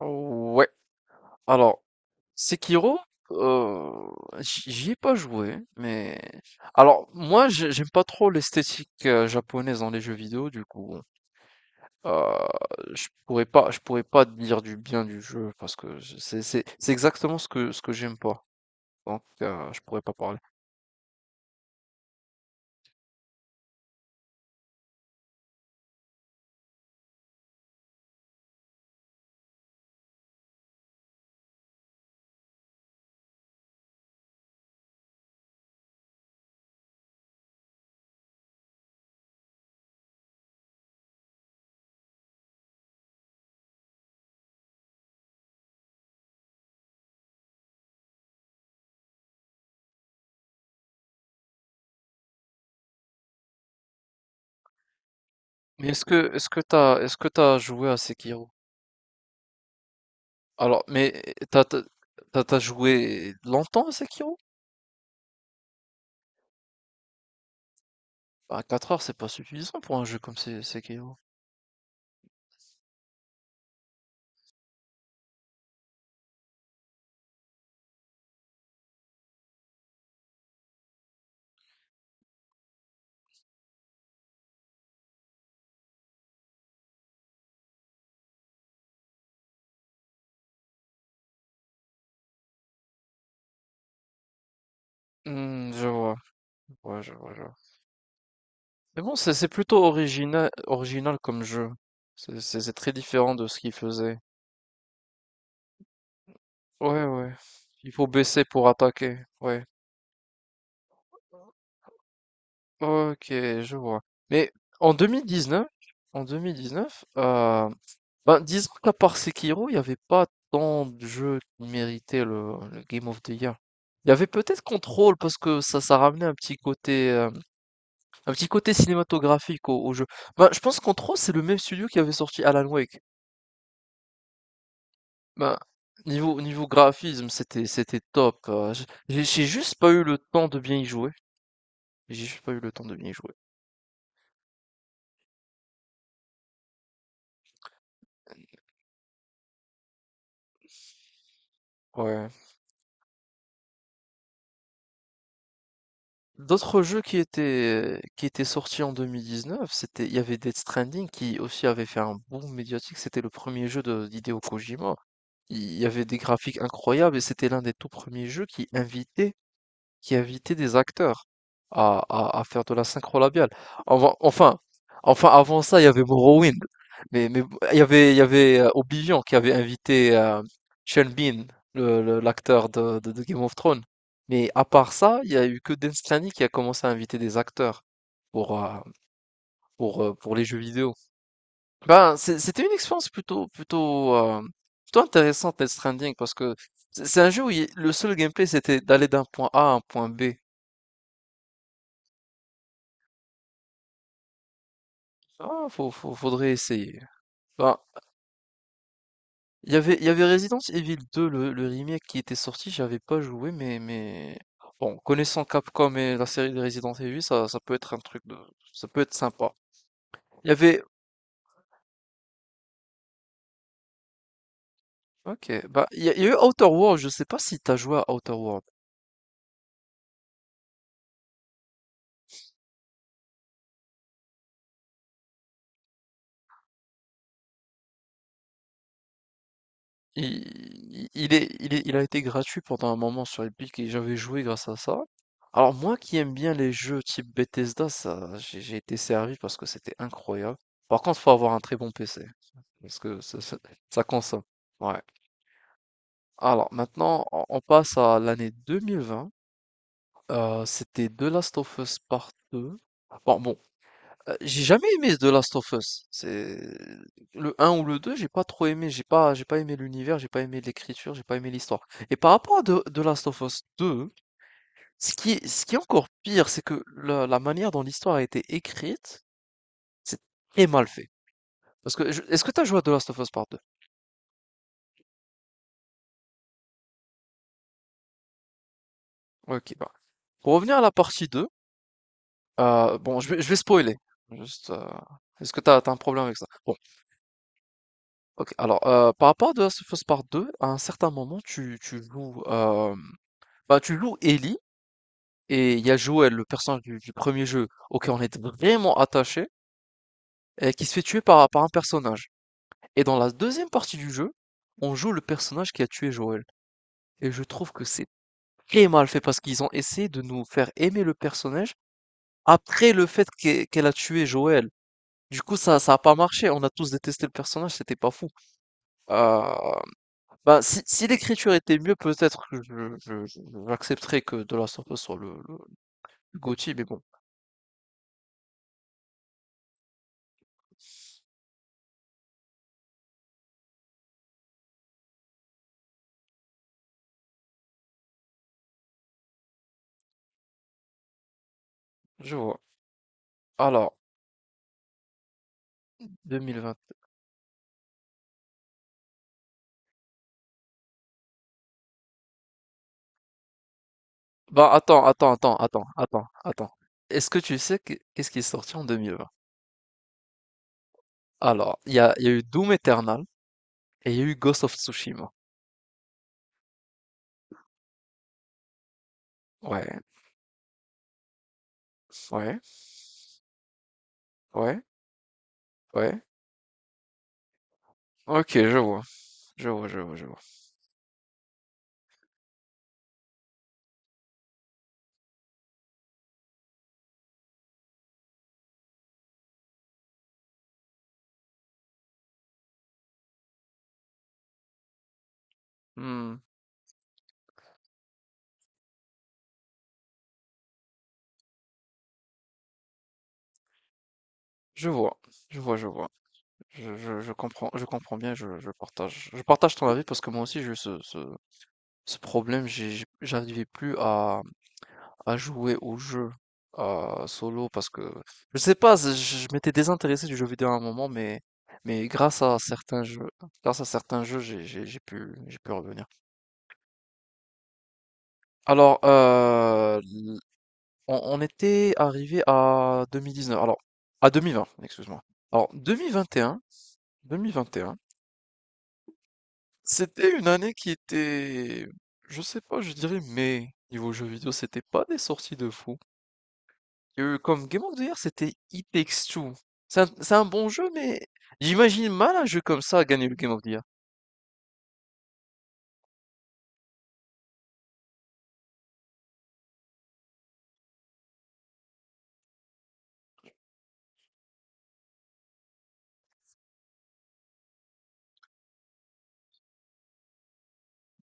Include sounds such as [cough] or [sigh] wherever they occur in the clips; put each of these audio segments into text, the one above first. Ouais, alors Sekiro, heu, j'y ai pas joué, mais alors moi j'aime pas trop l'esthétique, japonaise dans les jeux vidéo. Du coup, je pourrais pas dire du bien du jeu, parce que je c'est exactement ce que j'aime pas. Donc, je pourrais pas parler. Mais est-ce que t'as joué à Sekiro? Alors, mais t'as t'as tu as joué longtemps à Sekiro? Bah, 4 heures, c'est pas suffisant pour un jeu comme Se Sekiro. Mmh, je vois. Ouais, je vois, je vois. Mais bon, c'est plutôt original, original comme jeu. C'est très différent de ce qu'il faisait. Ouais, ouais. Il faut baisser pour attaquer. Ouais. Ok, je vois. Mais en 2019, en 2019, euh, ben, disons qu'à part Sekiro, il n'y avait pas tant de jeux qui méritaient le Game of the Year. Il y avait peut-être Control parce que ça ramenait un petit côté, cinématographique au jeu. Ben, je pense que Control, c'est le même studio qui avait sorti Alan Wake. Bah, niveau graphisme, c'était top. J'ai juste pas eu le temps de bien y jouer. J'ai juste pas eu le temps de bien y jouer. Ouais. D'autres jeux qui étaient sortis en 2019, c'était il y avait Death Stranding, qui aussi avait fait un boom médiatique. C'était le premier jeu de d'Hideo Kojima. Il y avait des graphiques incroyables, et c'était l'un des tout premiers jeux qui invitait des acteurs à faire de la synchro labiale. Enfin, enfin, enfin, avant ça, il y avait Morrowind. Mais il y avait Oblivion, qui avait invité Sean Bean, l'acteur de Game of Thrones. Mais à part ça, il y a eu que Dan Slany qui a commencé à inviter des acteurs pour, euh, pour les jeux vidéo. Ben, c'est- c'était une expérience plutôt intéressante, Death Stranding, parce que c'est un jeu où le seul gameplay, c'était d'aller d'un point A à un point B. Ah, faudrait essayer. Enfin, il y avait Resident Evil 2, le remake qui était sorti, j'avais pas joué, mais... Bon, connaissant Capcom et la série de Resident Evil, ça peut être un truc de... Ça peut être sympa. Il y avait... Ok, bah, il y a eu Outer world. Je sais pas si t'as joué à Outer world. Il a été gratuit pendant un moment sur Epic, et j'avais joué grâce à ça. Alors moi qui aime bien les jeux type Bethesda, ça, j'ai été servi, parce que c'était incroyable. Par contre, faut avoir un très bon PC. Parce que [laughs] ça consomme. Ouais. Alors maintenant, on passe à l'année 2020. C'était The Last of Us Part deux. Bon, j'ai jamais aimé The Last of Us, c'est le un ou le 2. J'ai pas trop aimé. J'ai pas aimé l'univers, j'ai pas aimé l'écriture, j'ai pas aimé l'histoire. Et par rapport à The Last of Us 2, ce qui est encore pire, c'est que la manière dont l'histoire a été écrite, c'est très mal fait. Parce que, est-ce que tu as joué à The Last of Us Part deux? Ok, bah. Pour revenir à la partie 2. Bon, je vais spoiler, juste, est-ce que t'as as un problème avec ça? Bon, OK. Alors, par rapport à The Last of Us Part 2, à un certain moment, bah, tu joues Ellie, et il y a Joël, le personnage du 1er jeu, auquel on est vraiment attaché, et qui se fait tuer par un personnage. Et dans la deuxième partie du jeu, on joue le personnage qui a tué Joël, et je trouve que c'est très mal fait, parce qu'ils ont essayé de nous faire aimer le personnage après le fait qu'elle a tué Joël. Du coup, ça a pas marché. On a tous détesté le personnage, c'était pas fou. Heu, Bah, si l'écriture était mieux, peut-être que je j'accepterais que De La of soit le GOTY, mais bon, je vois. Alors, 2020. Bah, attends, attends, attends, attends, attends, attends. Est-ce que tu sais qu'est-ce qui est sorti en 2020? Alors, il y a eu Doom Eternal et il y a eu Ghost of Tsushima. Ouais, ouais, ouais, ouais. OK, je vois, je vois, je vois, je vois. Mmh, je vois, je vois, je vois. Je comprends bien, je partage ton avis, parce que moi aussi j'ai eu ce problème. J'arrivais plus à jouer au jeu, solo, parce que je sais pas, je m'étais désintéressé du jeu vidéo à un moment, mais grâce à certains jeux, j'ai pu revenir. Alors, l on était arrivé à 2019, alors à 2020, excuse-moi. Alors 2021-2021. C'était une année qui était, je sais pas, je dirais, mais niveau jeux vidéo, c'était pas des sorties de fou. Il y a eu comme Game of the Year, c'était It Takes Two. C'est un bon jeu, mais j'imagine mal un jeu comme ça gagner le Game of the Year.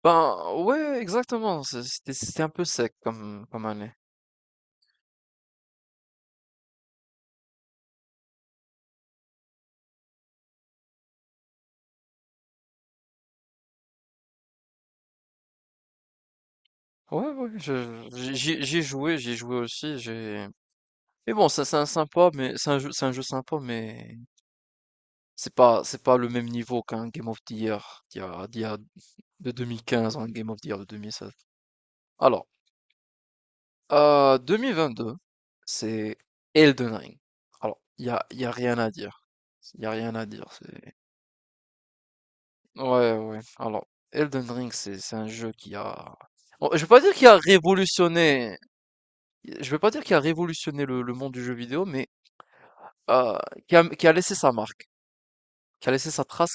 Ben, ouais, exactement. C'était un peu sec comme, année. Ouais, ouais, j'y ai joué aussi. J'ai. Mais bon, ça c'est un sympa, mais c'est un jeu sympa, mais c'est pas le même niveau qu'un Game of the Year d'il y a de 2015, hein, Game of the Year de 2016. Alors, 2022, c'est Elden Ring. Alors, y a rien à dire. Il y a rien à dire. Ouais, ouais. Alors, Elden Ring, c'est un jeu qui a... Bon, je vais pas dire qu'il a révolutionné... Je vais pas dire qu'il a révolutionné le monde du jeu vidéo, mais euh, qui a qui a laissé sa marque, qui a laissé sa trace.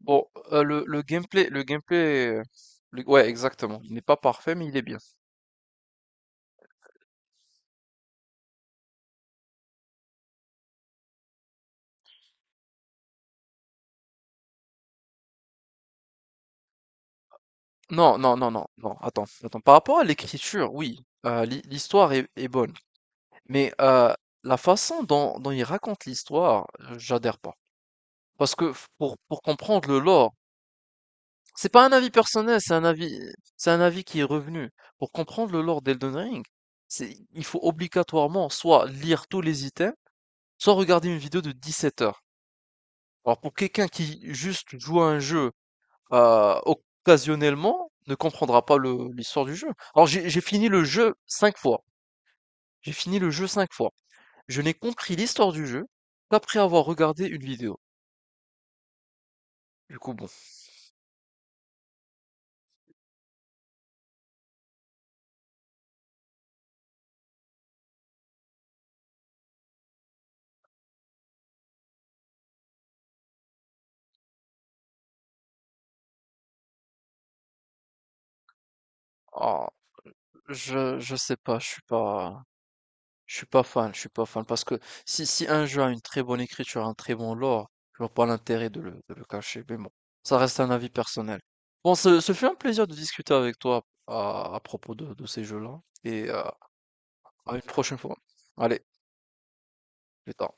Bon, le gameplay... Ouais, exactement. Il n'est pas parfait, mais il est bien. Non, non, non, non, non, attends, attends. Par rapport à l'écriture, oui, l'histoire est bonne, mais la façon dont, il raconte l'histoire, j'adhère pas. Parce que pour comprendre le lore, c'est pas un avis personnel, c'est un avis qui est revenu. Pour comprendre le lore d'Elden Ring, il faut obligatoirement soit lire tous les items, soit regarder une vidéo de 17 heures. Alors pour quelqu'un qui juste joue à un jeu occasionnellement, ne comprendra pas le l'histoire du jeu. Alors j'ai fini le jeu 5 fois, j'ai fini le jeu 5 fois. Je n'ai compris l'histoire du jeu qu'après avoir regardé une vidéo. Du coup, bon, ah, je sais pas, je suis pas fan, parce que si un jeu a une très bonne écriture, un très bon lore, je vois pas l'intérêt de le cacher, mais bon, ça reste un avis personnel. Bon, ce fut un plaisir de discuter avec toi à propos de ces jeux-là, et à une prochaine fois. Allez, plus tard.